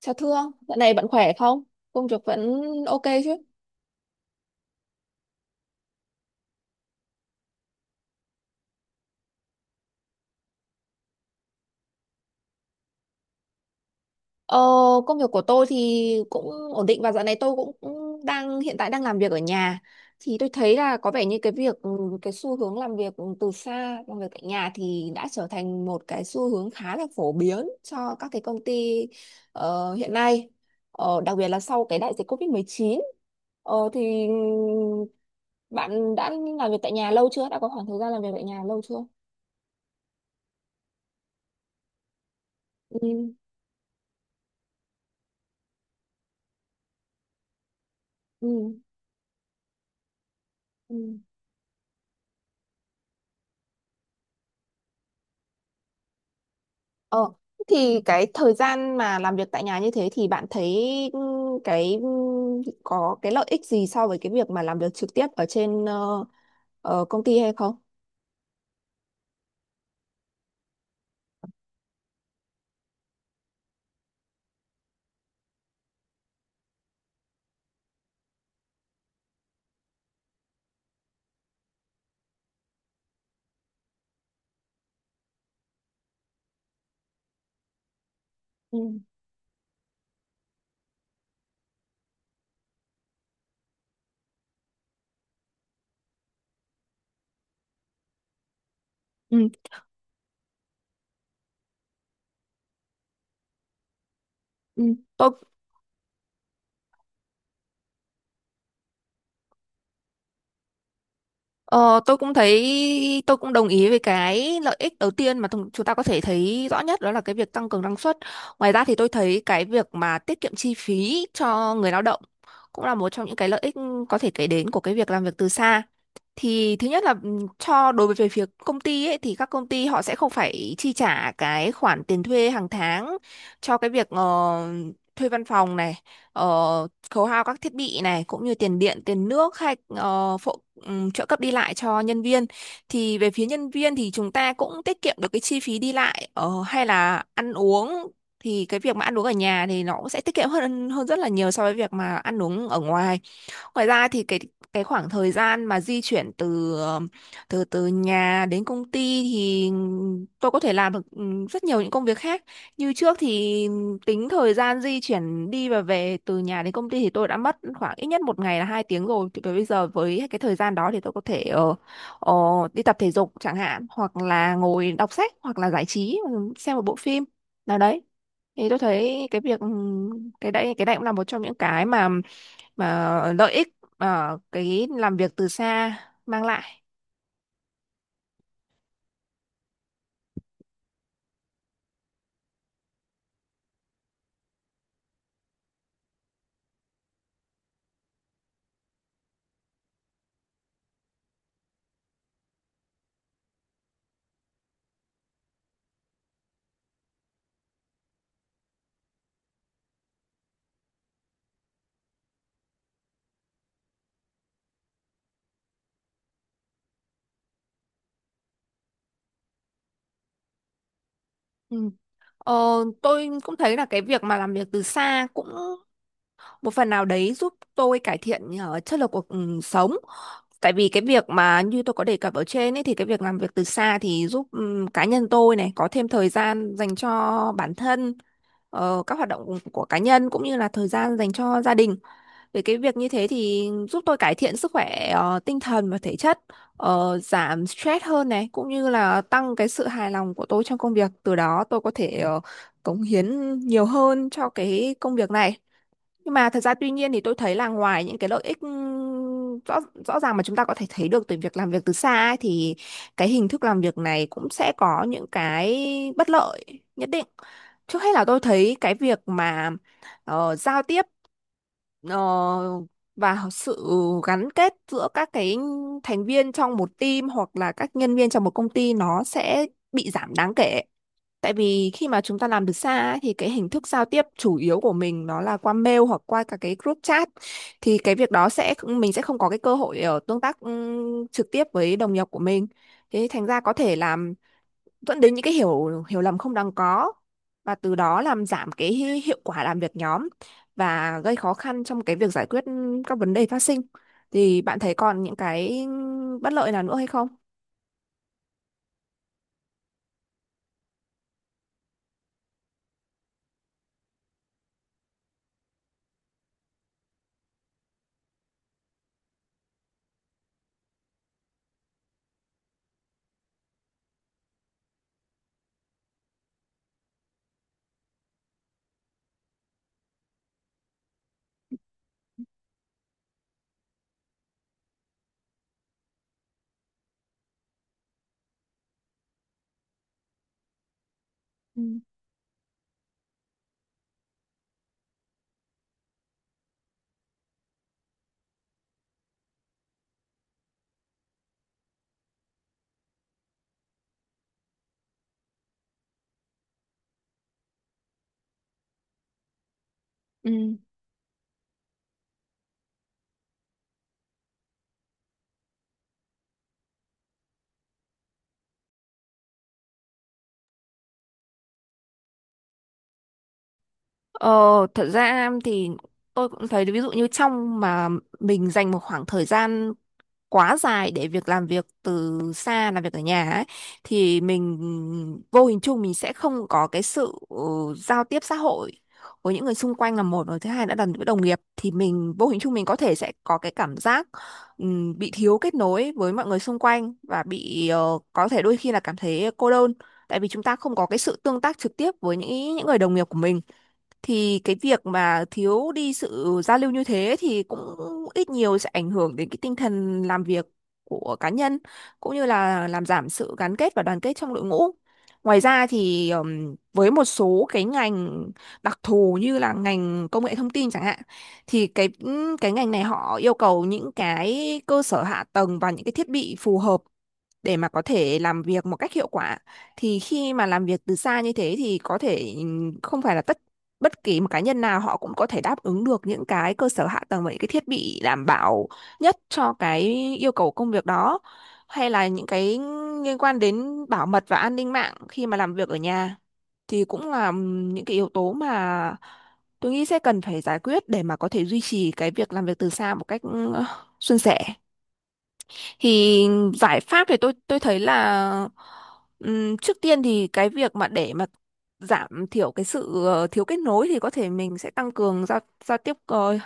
Chào Thương, dạo này bạn khỏe không? Công việc vẫn ok chứ? Ờ, Công việc của tôi thì cũng ổn định và dạo này tôi cũng cũng hiện tại đang làm việc ở nhà. Thì tôi thấy là có vẻ như cái xu hướng làm việc từ xa, làm việc tại nhà thì đã trở thành một cái xu hướng khá là phổ biến cho các cái công ty hiện nay. Đặc biệt là sau cái đại dịch COVID-19. Thì bạn đã làm việc tại nhà lâu chưa? Đã có khoảng thời gian làm việc tại nhà lâu chưa? Ừ. Ừ. Ừ. Ờ, thì cái thời gian mà làm việc tại nhà như thế thì bạn thấy ừ, cái ừ, có cái lợi ích gì so với cái việc mà làm việc trực tiếp ở trên công ty hay không? Ừ. Ừ, ừ. Tôi ờ, tôi cũng thấy tôi cũng đồng ý với cái lợi ích đầu tiên mà chúng ta có thể thấy rõ nhất, đó là cái việc tăng cường năng suất. Ngoài ra thì tôi thấy cái việc mà tiết kiệm chi phí cho người lao động cũng là một trong những cái lợi ích có thể kể đến của cái việc làm việc từ xa. Thì thứ nhất là cho đối với về phía công ty ấy, thì các công ty họ sẽ không phải chi trả cái khoản tiền thuê hàng tháng cho cái việc thuê văn phòng này, khấu hao các thiết bị này, cũng như tiền điện tiền nước hay ờ, phụ trợ cấp đi lại cho nhân viên. Thì về phía nhân viên thì chúng ta cũng tiết kiệm được cái chi phí đi lại hay là ăn uống. Thì cái việc mà ăn uống ở nhà thì nó cũng sẽ tiết kiệm hơn hơn rất là nhiều so với việc mà ăn uống ở ngoài. Ngoài ra thì cái khoảng thời gian mà di chuyển từ ờ, từ từ nhà đến công ty thì tôi có thể làm được rất nhiều những công việc khác. Như trước thì tính thời gian di chuyển đi và về từ nhà đến công ty thì tôi đã mất khoảng ít nhất một ngày là 2 tiếng rồi. Thì bây giờ với cái thời gian đó thì tôi có thể ờ, đi tập thể dục chẳng hạn, hoặc là ngồi đọc sách, hoặc là giải trí, xem một bộ phim nào đấy. Thì tôi thấy cái đấy cũng là một trong những cái mà và lợi ích ở cái làm việc từ xa mang lại. Ừ. Ờ, tôi cũng thấy là cái việc mà làm việc từ xa cũng một phần nào đấy giúp tôi cải thiện chất lượng cuộc sống. Tại vì cái việc mà như tôi có đề cập ở trên ấy, thì cái việc làm việc từ xa thì giúp cá nhân tôi này có thêm thời gian dành cho bản thân, các hoạt động của cá nhân cũng như là thời gian dành cho gia đình. Về cái việc như thế thì giúp tôi cải thiện sức khỏe tinh thần và thể chất, giảm stress hơn này, cũng như là tăng cái sự hài lòng của tôi trong công việc. Từ đó tôi có thể cống hiến nhiều hơn cho cái công việc này. Nhưng mà thật ra tuy nhiên thì tôi thấy là ngoài những cái lợi ích rõ rõ ràng mà chúng ta có thể thấy được từ việc làm việc từ xa ấy, thì cái hình thức làm việc này cũng sẽ có những cái bất lợi nhất định. Trước hết là tôi thấy cái việc mà giao tiếp ờ, và sự gắn kết giữa các cái thành viên trong một team hoặc là các nhân viên trong một công ty nó sẽ bị giảm đáng kể. Tại vì khi mà chúng ta làm từ xa ấy, thì cái hình thức giao tiếp chủ yếu của mình nó là qua mail hoặc qua cả cái group chat, thì cái việc đó sẽ mình sẽ không có cái cơ hội để ở tương tác trực tiếp với đồng nghiệp của mình. Thế thành ra có thể làm dẫn đến những cái hiểu hiểu lầm không đáng có, và từ đó làm giảm cái hiệu quả làm việc nhóm và gây khó khăn trong cái việc giải quyết các vấn đề phát sinh. Thì bạn thấy còn những cái bất lợi nào nữa hay không? Ờ, Thật ra thì tôi cũng thấy ví dụ như trong mà mình dành một khoảng thời gian quá dài để việc làm việc từ xa, làm việc ở nhà ấy, thì mình vô hình chung mình sẽ không có cái sự giao tiếp xã hội với những người xung quanh là một, rồi thứ hai đã là với đồng nghiệp thì mình vô hình chung mình có thể sẽ có cái cảm giác bị thiếu kết nối với mọi người xung quanh và bị có thể đôi khi là cảm thấy cô đơn. Tại vì chúng ta không có cái sự tương tác trực tiếp với những người đồng nghiệp của mình, thì cái việc mà thiếu đi sự giao lưu như thế thì cũng ít nhiều sẽ ảnh hưởng đến cái tinh thần làm việc của cá nhân, cũng như là làm giảm sự gắn kết và đoàn kết trong đội ngũ. Ngoài ra thì với một số cái ngành đặc thù như là ngành công nghệ thông tin chẳng hạn, thì cái ngành này họ yêu cầu những cái cơ sở hạ tầng và những cái thiết bị phù hợp để mà có thể làm việc một cách hiệu quả. Thì khi mà làm việc từ xa như thế thì có thể không phải là bất kỳ một cá nhân nào họ cũng có thể đáp ứng được những cái cơ sở hạ tầng và những cái thiết bị đảm bảo nhất cho cái yêu cầu công việc đó, hay là những cái liên quan đến bảo mật và an ninh mạng khi mà làm việc ở nhà thì cũng là những cái yếu tố mà tôi nghĩ sẽ cần phải giải quyết để mà có thể duy trì cái việc làm việc từ xa một cách suôn sẻ. Thì giải pháp thì tôi thấy là trước tiên thì cái việc mà để mà giảm thiểu cái sự thiếu kết nối thì có thể mình sẽ tăng cường giao giao tiếp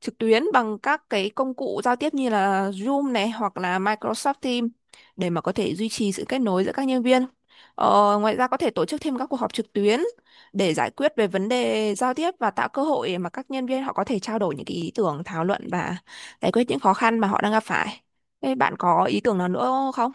trực tuyến bằng các cái công cụ giao tiếp như là Zoom này hoặc là Microsoft Teams để mà có thể duy trì sự kết nối giữa các nhân viên. Ngoài ra có thể tổ chức thêm các cuộc họp trực tuyến để giải quyết về vấn đề giao tiếp và tạo cơ hội để mà các nhân viên họ có thể trao đổi những cái ý tưởng, thảo luận và giải quyết những khó khăn mà họ đang gặp phải. Thế bạn có ý tưởng nào nữa không?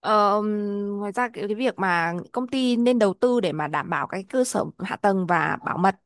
Ờ, Ngoài ra cái việc mà công ty nên đầu tư để mà đảm bảo cái cơ sở hạ tầng và bảo mật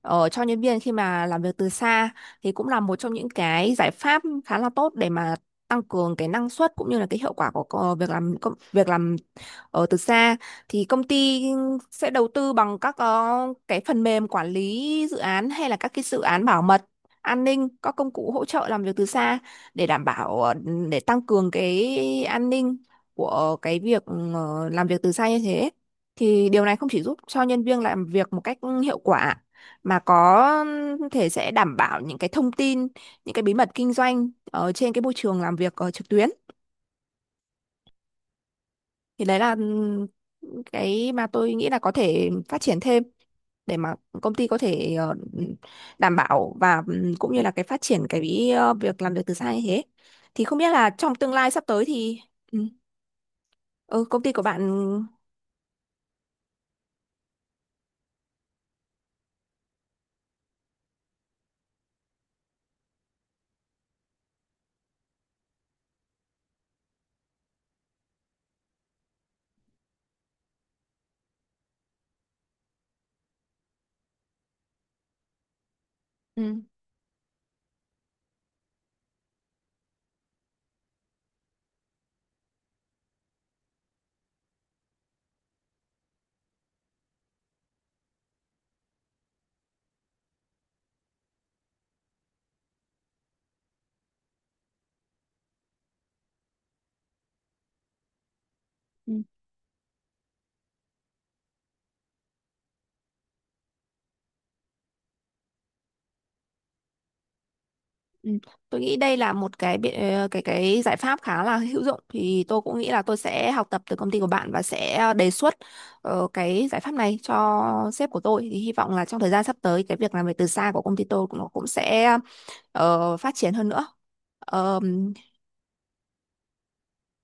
cho nhân viên khi mà làm việc từ xa thì cũng là một trong những cái giải pháp khá là tốt để mà tăng cường cái năng suất cũng như là cái hiệu quả của việc làm việc làm ở từ xa. Thì công ty sẽ đầu tư bằng các cái phần mềm quản lý dự án hay là các cái dự án bảo mật an ninh, các công cụ hỗ trợ làm việc từ xa để đảm bảo để tăng cường cái an ninh của cái việc làm việc từ xa như thế. Thì điều này không chỉ giúp cho nhân viên làm việc một cách hiệu quả, mà có thể sẽ đảm bảo những cái thông tin, những cái bí mật kinh doanh ở trên cái môi trường làm việc trực tuyến. Thì đấy là cái mà tôi nghĩ là có thể phát triển thêm để mà công ty có thể đảm bảo và cũng như là cái phát triển cái việc làm việc từ xa như thế. Thì không biết là trong tương lai sắp tới thì ừ, ừ, công ty của bạn. ừ, ừ, tôi nghĩ đây là một cái cái giải pháp khá là hữu dụng, thì tôi cũng nghĩ là tôi sẽ học tập từ công ty của bạn và sẽ đề xuất cái giải pháp này cho sếp của tôi, thì hy vọng là trong thời gian sắp tới cái việc làm việc từ xa của công ty tôi cũng nó cũng sẽ phát triển hơn nữa. Ờm,